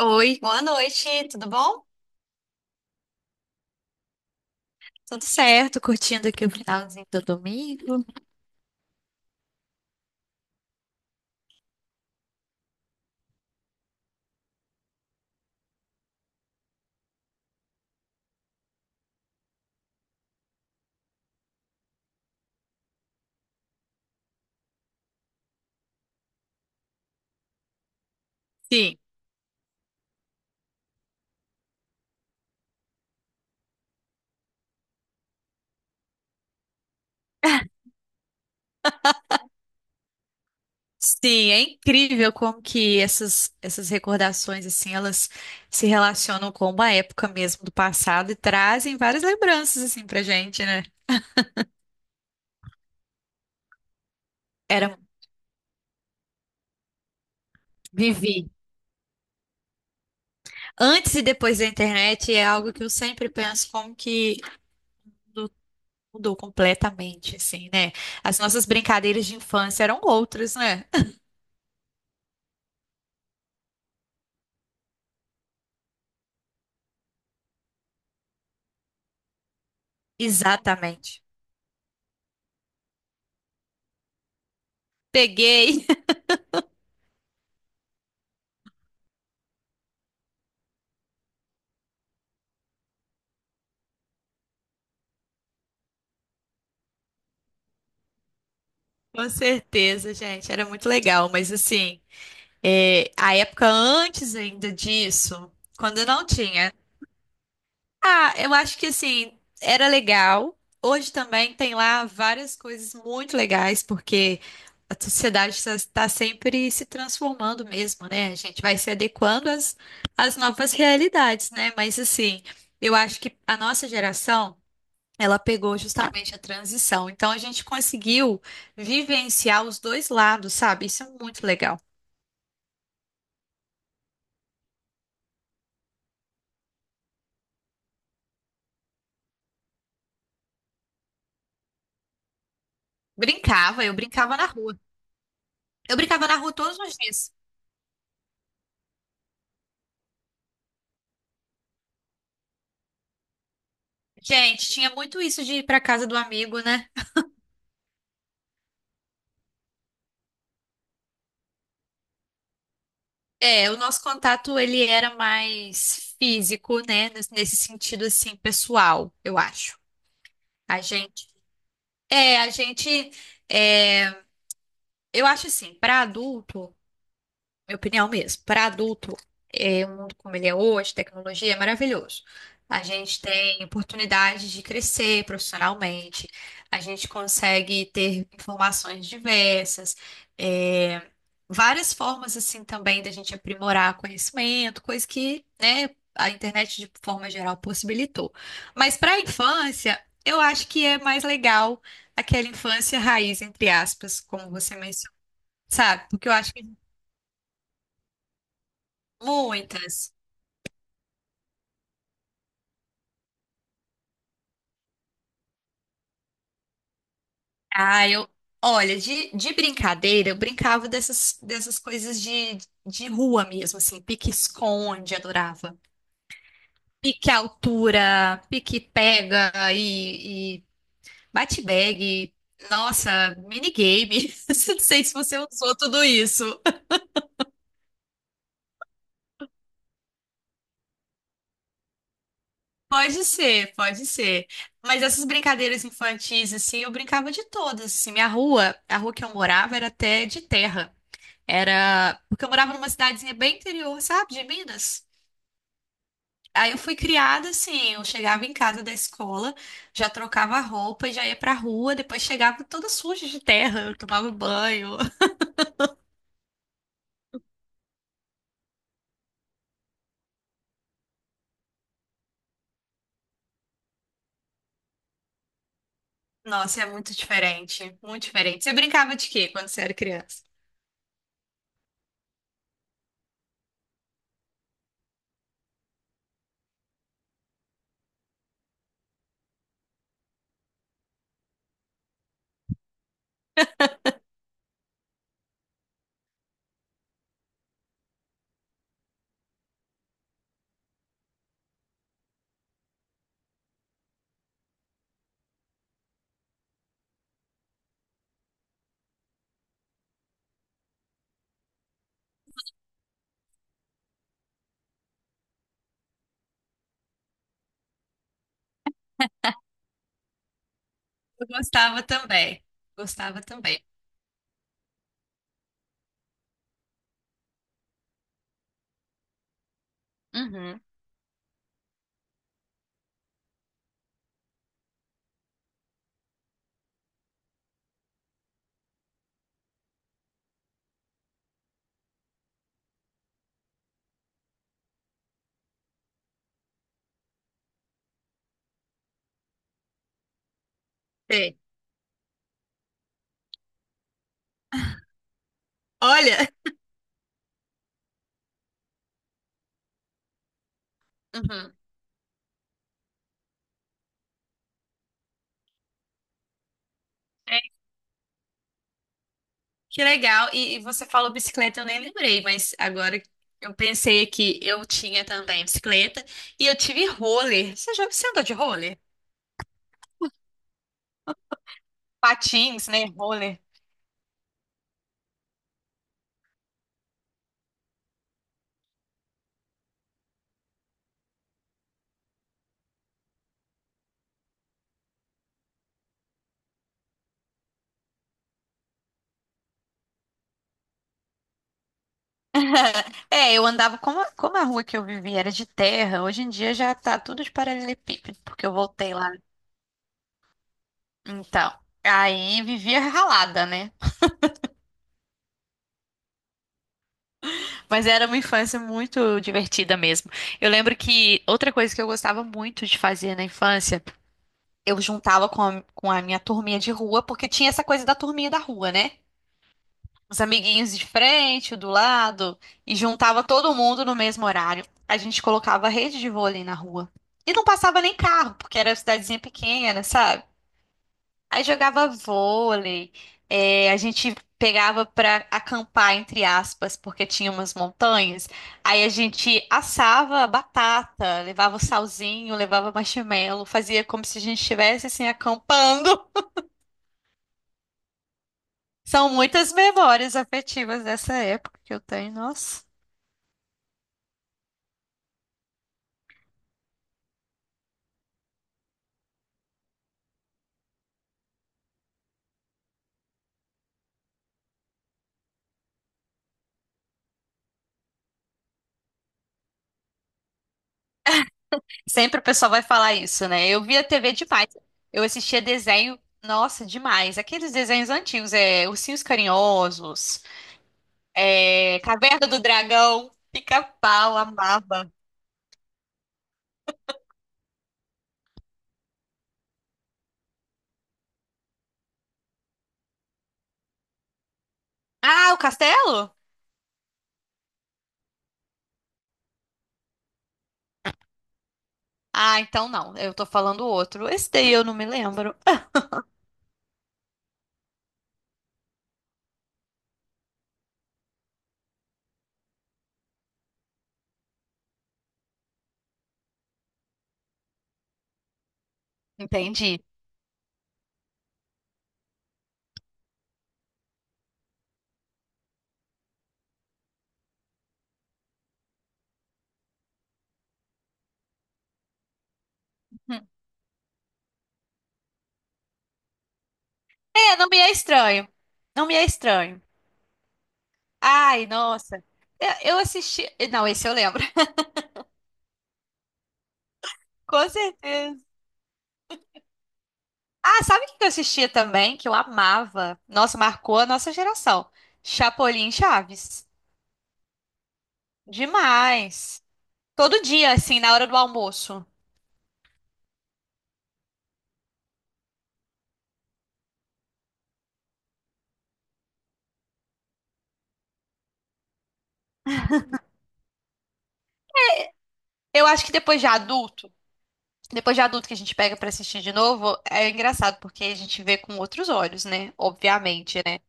Oi, boa noite, tudo bom? Tudo certo, curtindo aqui o finalzinho do domingo. Sim. Sim, é incrível como que essas recordações, assim, elas se relacionam com uma época mesmo do passado e trazem várias lembranças, assim, pra gente, né? Era, vivi. Antes e depois da internet é algo que eu sempre penso como que mudou, completamente, assim, né? As nossas brincadeiras de infância eram outras, né? Exatamente. Peguei. Com certeza, gente, era muito legal, mas assim, é, a época antes ainda disso, quando não tinha, ah, eu acho que assim, era legal. Hoje também tem lá várias coisas muito legais, porque a sociedade está sempre se transformando mesmo, né? A gente vai se adequando às, às novas realidades, né? Mas assim, eu acho que a nossa geração. Ela pegou justamente a transição. Então a gente conseguiu vivenciar os dois lados, sabe? Isso é muito legal. Brincava, eu brincava na rua. Eu brincava na rua todos os dias. Gente, tinha muito isso de ir para casa do amigo, né? É, o nosso contato ele era mais físico, né? Nesse sentido assim, pessoal, eu acho. A gente, é, a gente, é, eu acho assim, para adulto, minha opinião mesmo, para adulto, é, o mundo como ele é hoje, tecnologia, é maravilhoso. A gente tem oportunidade de crescer profissionalmente, a gente consegue ter informações diversas, é, várias formas assim também da gente aprimorar conhecimento, coisa que, né, a internet de forma geral possibilitou. Mas para a infância, eu acho que é mais legal aquela infância raiz, entre aspas, como você mencionou, sabe? Porque eu acho que muitas. Ah, eu. Olha, de brincadeira, eu brincava dessas, dessas coisas de rua mesmo, assim, pique-esconde, adorava. Pique-altura, pique-pega e bate-bag. Nossa, minigame. Não sei se você usou tudo isso. Pode ser, pode ser. Mas essas brincadeiras infantis, assim, eu brincava de todas, assim. Minha rua, a rua que eu morava era até de terra. Era. Porque eu morava numa cidadezinha bem interior, sabe, de Minas. Aí eu fui criada assim, eu chegava em casa da escola, já trocava a roupa e já ia pra rua, depois chegava toda suja de terra, eu tomava banho. Nossa, é muito diferente, muito diferente. Você brincava de quê quando você era criança? Eu gostava também, gostava também. Uhum. Sei. Olha, uhum. É, que legal. E você falou bicicleta, eu nem lembrei, mas agora eu pensei que eu tinha também bicicleta e eu tive roller. Você já você andou de roller? Patins, né? Roller. É, eu andava, como, como a rua que eu vivia era de terra, hoje em dia já tá tudo de paralelepípedo, porque eu voltei lá. Então, aí vivia ralada, né? Mas era uma infância muito divertida mesmo. Eu lembro que outra coisa que eu gostava muito de fazer na infância, eu juntava com a minha turminha de rua, porque tinha essa coisa da turminha da rua, né? Os amiguinhos de frente, o do lado, e juntava todo mundo no mesmo horário. A gente colocava rede de vôlei na rua. E não passava nem carro, porque era cidadezinha pequena, sabe? Aí jogava vôlei, é, a gente pegava pra acampar, entre aspas, porque tinha umas montanhas. Aí a gente assava batata, levava o salzinho, levava marshmallow, fazia como se a gente estivesse assim acampando. São muitas memórias afetivas dessa época que eu tenho, nossa. Sempre o pessoal vai falar isso, né? Eu via TV demais. Eu assistia desenho, nossa, demais. Aqueles desenhos antigos, é Ursinhos Carinhosos, é Caverna do Dragão, Pica-Pau, amava. Ah, o Castelo? Ah, então não. Eu tô falando outro. Esse daí eu não me lembro. Ah, entendi. É, não me é estranho. Não me é estranho. Ai, nossa. Eu assisti. Não, esse eu lembro. Com certeza. Ah, sabe o que eu assistia também? Que eu amava. Nossa, marcou a nossa geração. Chapolin e Chaves. Demais. Todo dia, assim, na hora do almoço. Eu acho que depois de adulto que a gente pega pra assistir de novo, é engraçado porque a gente vê com outros olhos, né? Obviamente, né?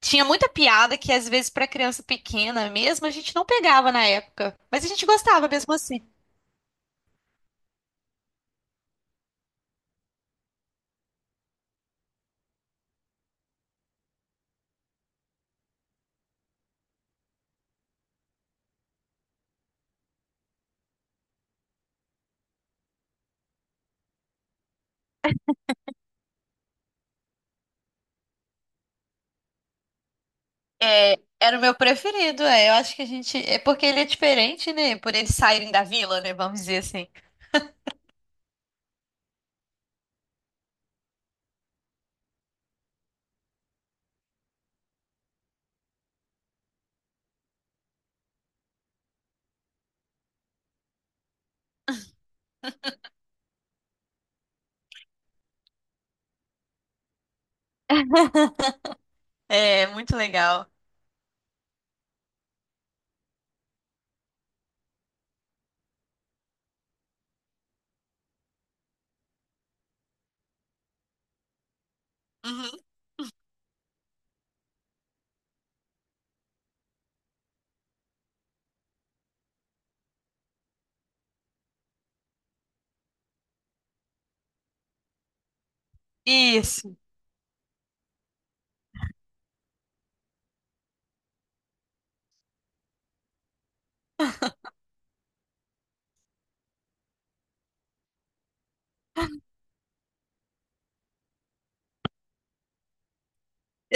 Tinha muita piada que às vezes pra criança pequena mesmo a gente não pegava na época, mas a gente gostava mesmo assim. É, era o meu preferido, é. Eu acho que a gente. É porque ele é diferente, né? Por eles saírem da vila, né? Vamos dizer assim. É muito legal. Uhum. Isso.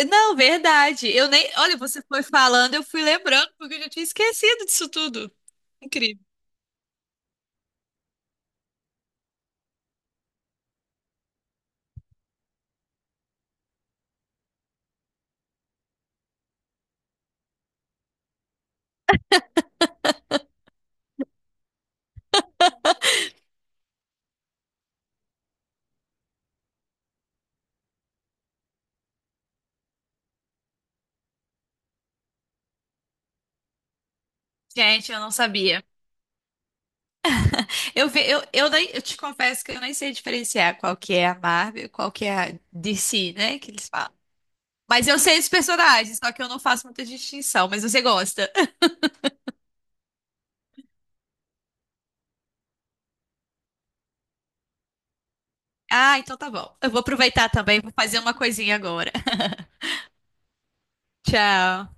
Não, verdade. Eu nem. Olha, você foi falando, eu fui lembrando, porque eu já tinha esquecido disso tudo. Incrível. Gente, eu não sabia. Eu vi, nem- eu te confesso que eu nem sei diferenciar qual que é a Marvel e qual que é a DC, né? Que eles falam. Mas eu sei esses personagens, só que eu não faço muita distinção, mas você gosta. Ah, então tá bom. Eu vou aproveitar também, vou fazer uma coisinha agora. Tchau.